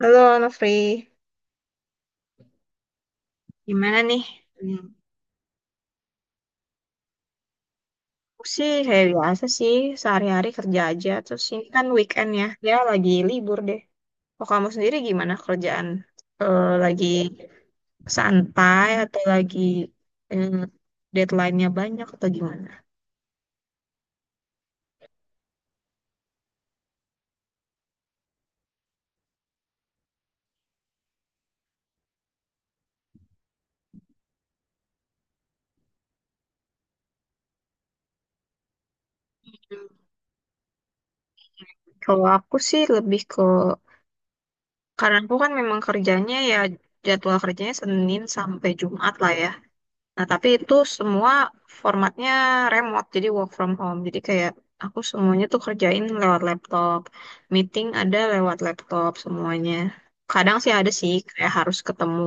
Halo, Nofri. Gimana nih? Hmm, Aku sih, biasa sih, sehari-hari kerja aja. Terus ini kan weekend ya, ya lagi libur deh. Kok kamu sendiri gimana kerjaan? Lagi santai atau lagi eh, deadline-nya banyak atau gimana? Hmm, Kalau aku sih lebih ke, karena aku kan memang kerjanya ya jadwal kerjanya Senin sampai Jumat lah ya. Nah, tapi itu semua formatnya remote, jadi work from home. Jadi kayak aku semuanya tuh kerjain lewat laptop. Meeting ada lewat laptop semuanya. Kadang sih ada sih kayak harus ketemu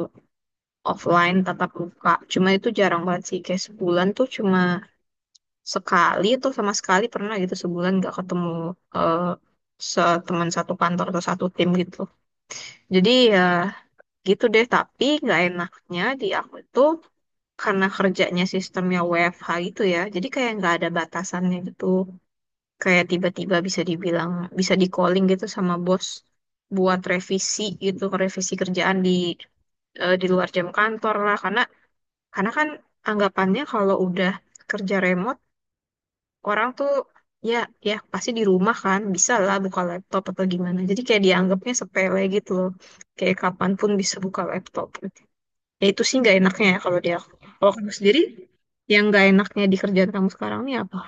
offline tatap muka. Cuma itu jarang banget sih. Kayak sebulan tuh cuma sekali tuh sama sekali pernah gitu sebulan nggak ketemu eh, teman satu kantor atau satu tim gitu. Jadi ya gitu deh. Tapi nggak enaknya di aku itu karena kerjanya sistemnya WFH gitu ya, jadi kayak nggak ada batasannya gitu. Kayak tiba-tiba bisa dibilang, bisa di calling gitu sama bos buat revisi gitu, revisi kerjaan di di luar jam kantor lah. Karena kan anggapannya kalau udah kerja remote, orang tuh ya ya pasti di rumah kan, bisa lah buka laptop atau gimana. Jadi kayak dianggapnya sepele gitu loh, kayak kapanpun bisa buka laptop gitu. Ya itu sih nggak enaknya ya kalau dia. Kalau kamu sendiri yang nggak enaknya di kerjaan kamu sekarang nih apa?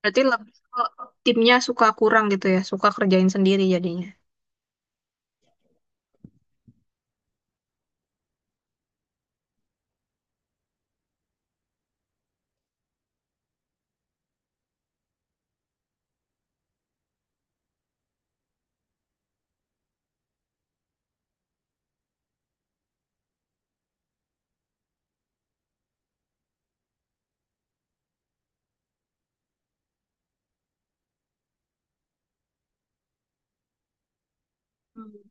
Berarti lebih ke timnya suka kurang gitu ya, suka kerjain sendiri jadinya. Hmm.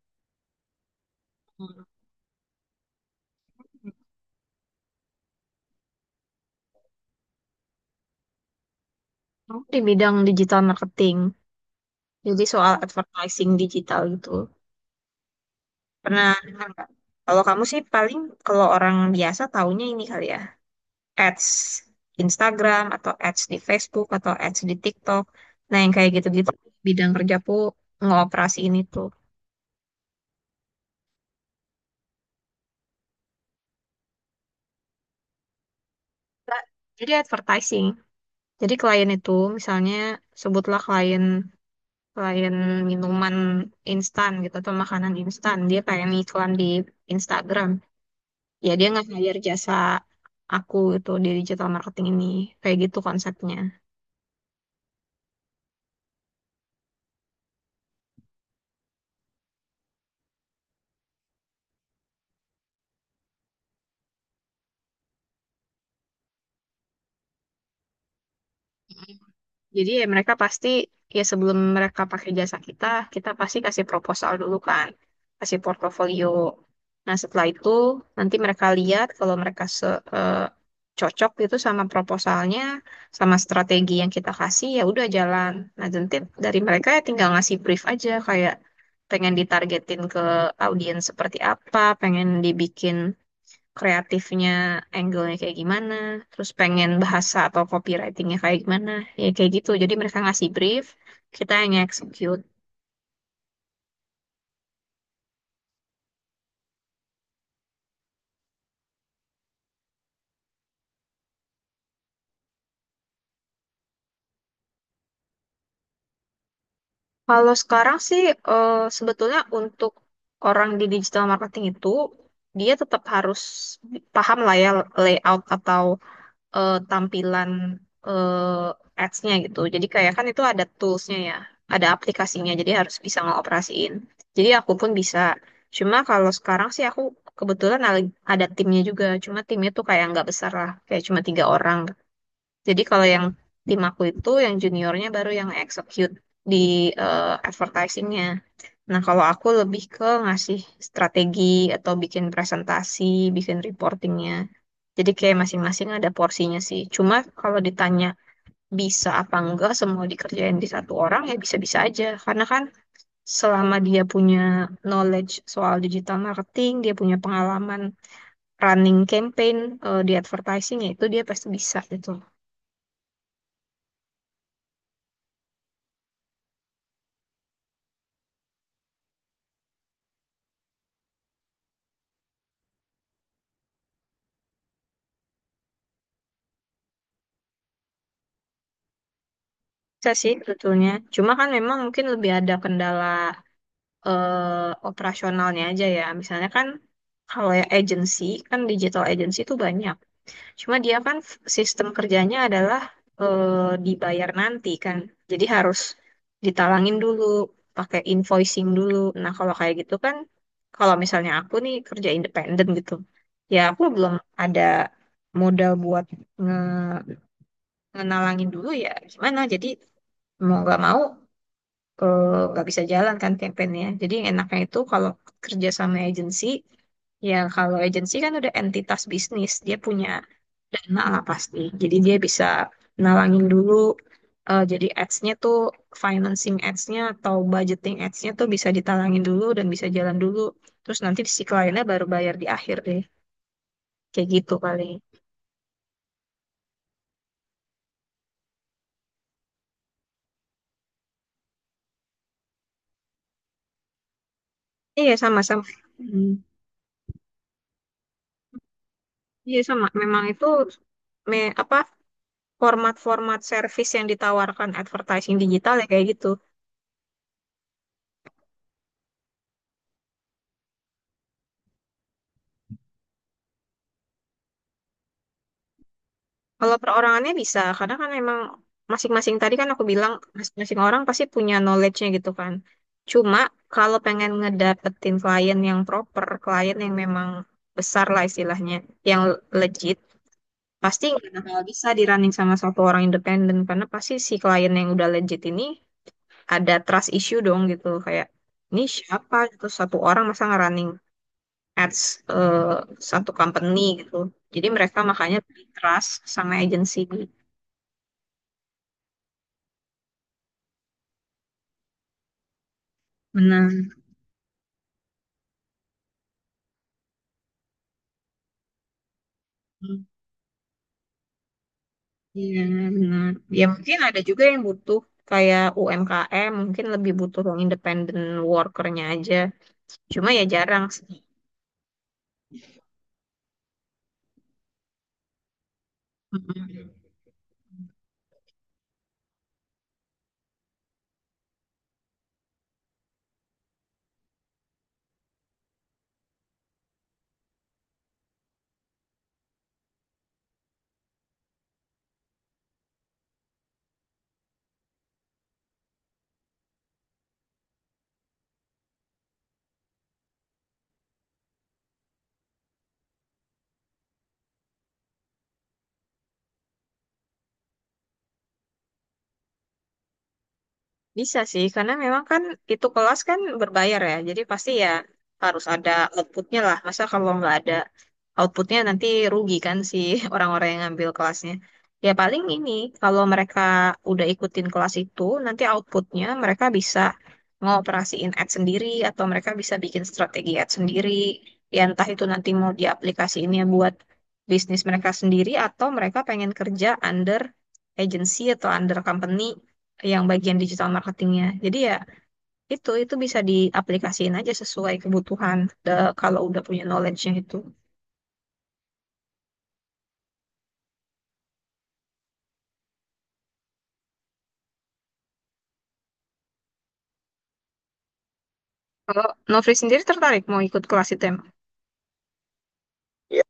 Kamu di bidang digital marketing, jadi soal advertising digital gitu. Pernah dengar nggak? Kalau kamu sih paling kalau orang biasa taunya ini kali ya, ads Instagram atau ads di Facebook atau ads di TikTok. Nah, yang kayak gitu-gitu bidang kerjaku ngoperasi ini tuh. Jadi advertising. Jadi klien itu misalnya sebutlah klien selain minuman instan gitu atau makanan instan dia pengen iklan di Instagram ya dia nggak hire jasa aku itu di digital marketing ini kayak gitu konsepnya. Jadi ya mereka pasti ya sebelum mereka pakai jasa kita, kita pasti kasih proposal dulu kan, kasih portofolio. Nah setelah itu nanti mereka lihat kalau mereka eh, cocok itu sama proposalnya, sama strategi yang kita kasih ya udah jalan. Nah nanti dari mereka ya tinggal ngasih brief aja kayak pengen ditargetin ke audiens seperti apa, pengen dibikin kreatifnya, angle-nya kayak gimana, terus pengen bahasa atau copywriting-nya kayak gimana, ya kayak gitu. Jadi mereka ngasih brief, kita yang execute. Kalau sekarang sih eh, sebetulnya untuk orang di digital marketing itu dia tetap harus paham lah ya layout atau tampilan ads-nya gitu. Jadi kayak kan itu ada tools-nya ya, ada aplikasinya, jadi harus bisa ngoperasiin. Jadi aku pun bisa. Cuma kalau sekarang sih aku kebetulan ada timnya juga, cuma timnya tuh kayak nggak besar lah, kayak cuma tiga orang. Jadi kalau yang tim aku itu, yang juniornya baru yang execute di advertising-nya. Nah, kalau aku lebih ke ngasih strategi atau bikin presentasi, bikin reportingnya. Jadi kayak masing-masing ada porsinya sih. Cuma kalau ditanya bisa apa enggak semua dikerjain di satu orang ya bisa-bisa aja. Karena kan selama dia punya knowledge soal digital marketing, dia punya pengalaman running campaign di advertising ya itu dia pasti bisa gitu. Bisa sih sebetulnya. Cuma kan memang mungkin lebih ada kendala operasionalnya aja ya. Misalnya kan kalau ya agency kan digital agency itu banyak. Cuma dia kan sistem kerjanya adalah eh, dibayar nanti kan. Jadi harus ditalangin dulu, pakai invoicing dulu. Nah, kalau kayak gitu kan kalau misalnya aku nih kerja independen gitu. Ya aku belum ada modal buat nge ngenalangin dulu ya gimana. Jadi mau gak mau nggak bisa jalan kan campaignnya. Jadi yang enaknya itu kalau kerja sama agensi, ya kalau agensi kan udah entitas bisnis, dia punya dana lah pasti. Jadi dia bisa nalangin dulu, jadi ads-nya tuh financing ads-nya atau budgeting ads-nya tuh bisa ditalangin dulu dan bisa jalan dulu. Terus nanti si kliennya baru bayar di akhir deh, kayak gitu paling. Iya sama-sama. Hmm. Iya sama, memang itu me apa format-format service yang ditawarkan advertising digital ya kayak gitu. Kalau perorangannya bisa, karena kan emang masing-masing tadi kan aku bilang masing-masing orang pasti punya knowledge-nya gitu kan. Cuma kalau pengen ngedapetin klien yang proper, klien yang memang besar lah istilahnya, yang legit, pasti nggak bakal bisa di running sama satu orang independen karena pasti si klien yang udah legit ini ada trust issue dong gitu kayak ini siapa gitu satu orang masa ngerunning ads eh, satu company gitu. Jadi mereka makanya lebih trust sama agensi. Benar. Iya, benar. Ya mungkin ada juga yang butuh kayak UMKM, mungkin lebih butuh yang independent workernya aja. Cuma ya jarang sih. Mm-mm. Bisa sih, karena memang kan itu kelas kan berbayar ya, jadi pasti ya harus ada outputnya lah. Masa kalau nggak ada outputnya nanti rugi kan si orang-orang yang ngambil kelasnya. Ya paling ini, kalau mereka udah ikutin kelas itu, nanti outputnya mereka bisa ngoperasiin ad sendiri atau mereka bisa bikin strategi ad sendiri. Ya entah itu nanti mau diaplikasiinnya buat bisnis mereka sendiri atau mereka pengen kerja under agency atau under company yang bagian digital marketingnya. Jadi ya itu bisa diaplikasiin aja sesuai kebutuhan kalau udah punya knowledge-nya itu. Kalau Novri sendiri tertarik mau ikut kelas itu emang? Iya.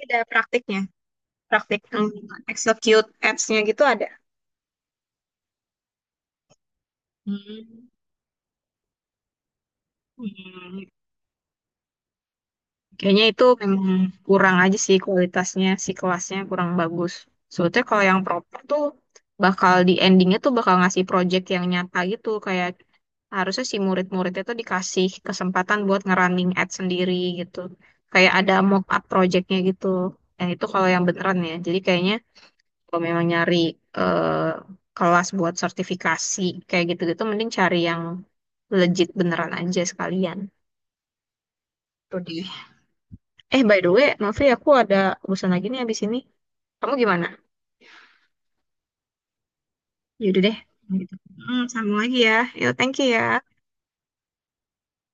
Ada praktiknya, praktik yang execute apps nya gitu ada. Hmm. Hmm. Kayaknya itu memang kurang aja sih kualitasnya, si kelasnya kurang bagus. Soalnya kalau yang proper tuh bakal di endingnya tuh bakal ngasih project yang nyata gitu, kayak harusnya si murid-murid itu dikasih kesempatan buat ngerunning ad sendiri gitu. Kayak ada mock up projectnya gitu. Yang itu kalau yang beneran ya. Jadi kayaknya kalau memang nyari eh, kelas buat sertifikasi kayak gitu-gitu, mending cari yang legit beneran aja sekalian. Tuh deh. Eh, by the way, Novi, aku ada urusan lagi nih abis ini. Kamu gimana? Yaudah deh. Gitu. Hmm, sambung lagi ya. Yo, thank you ya.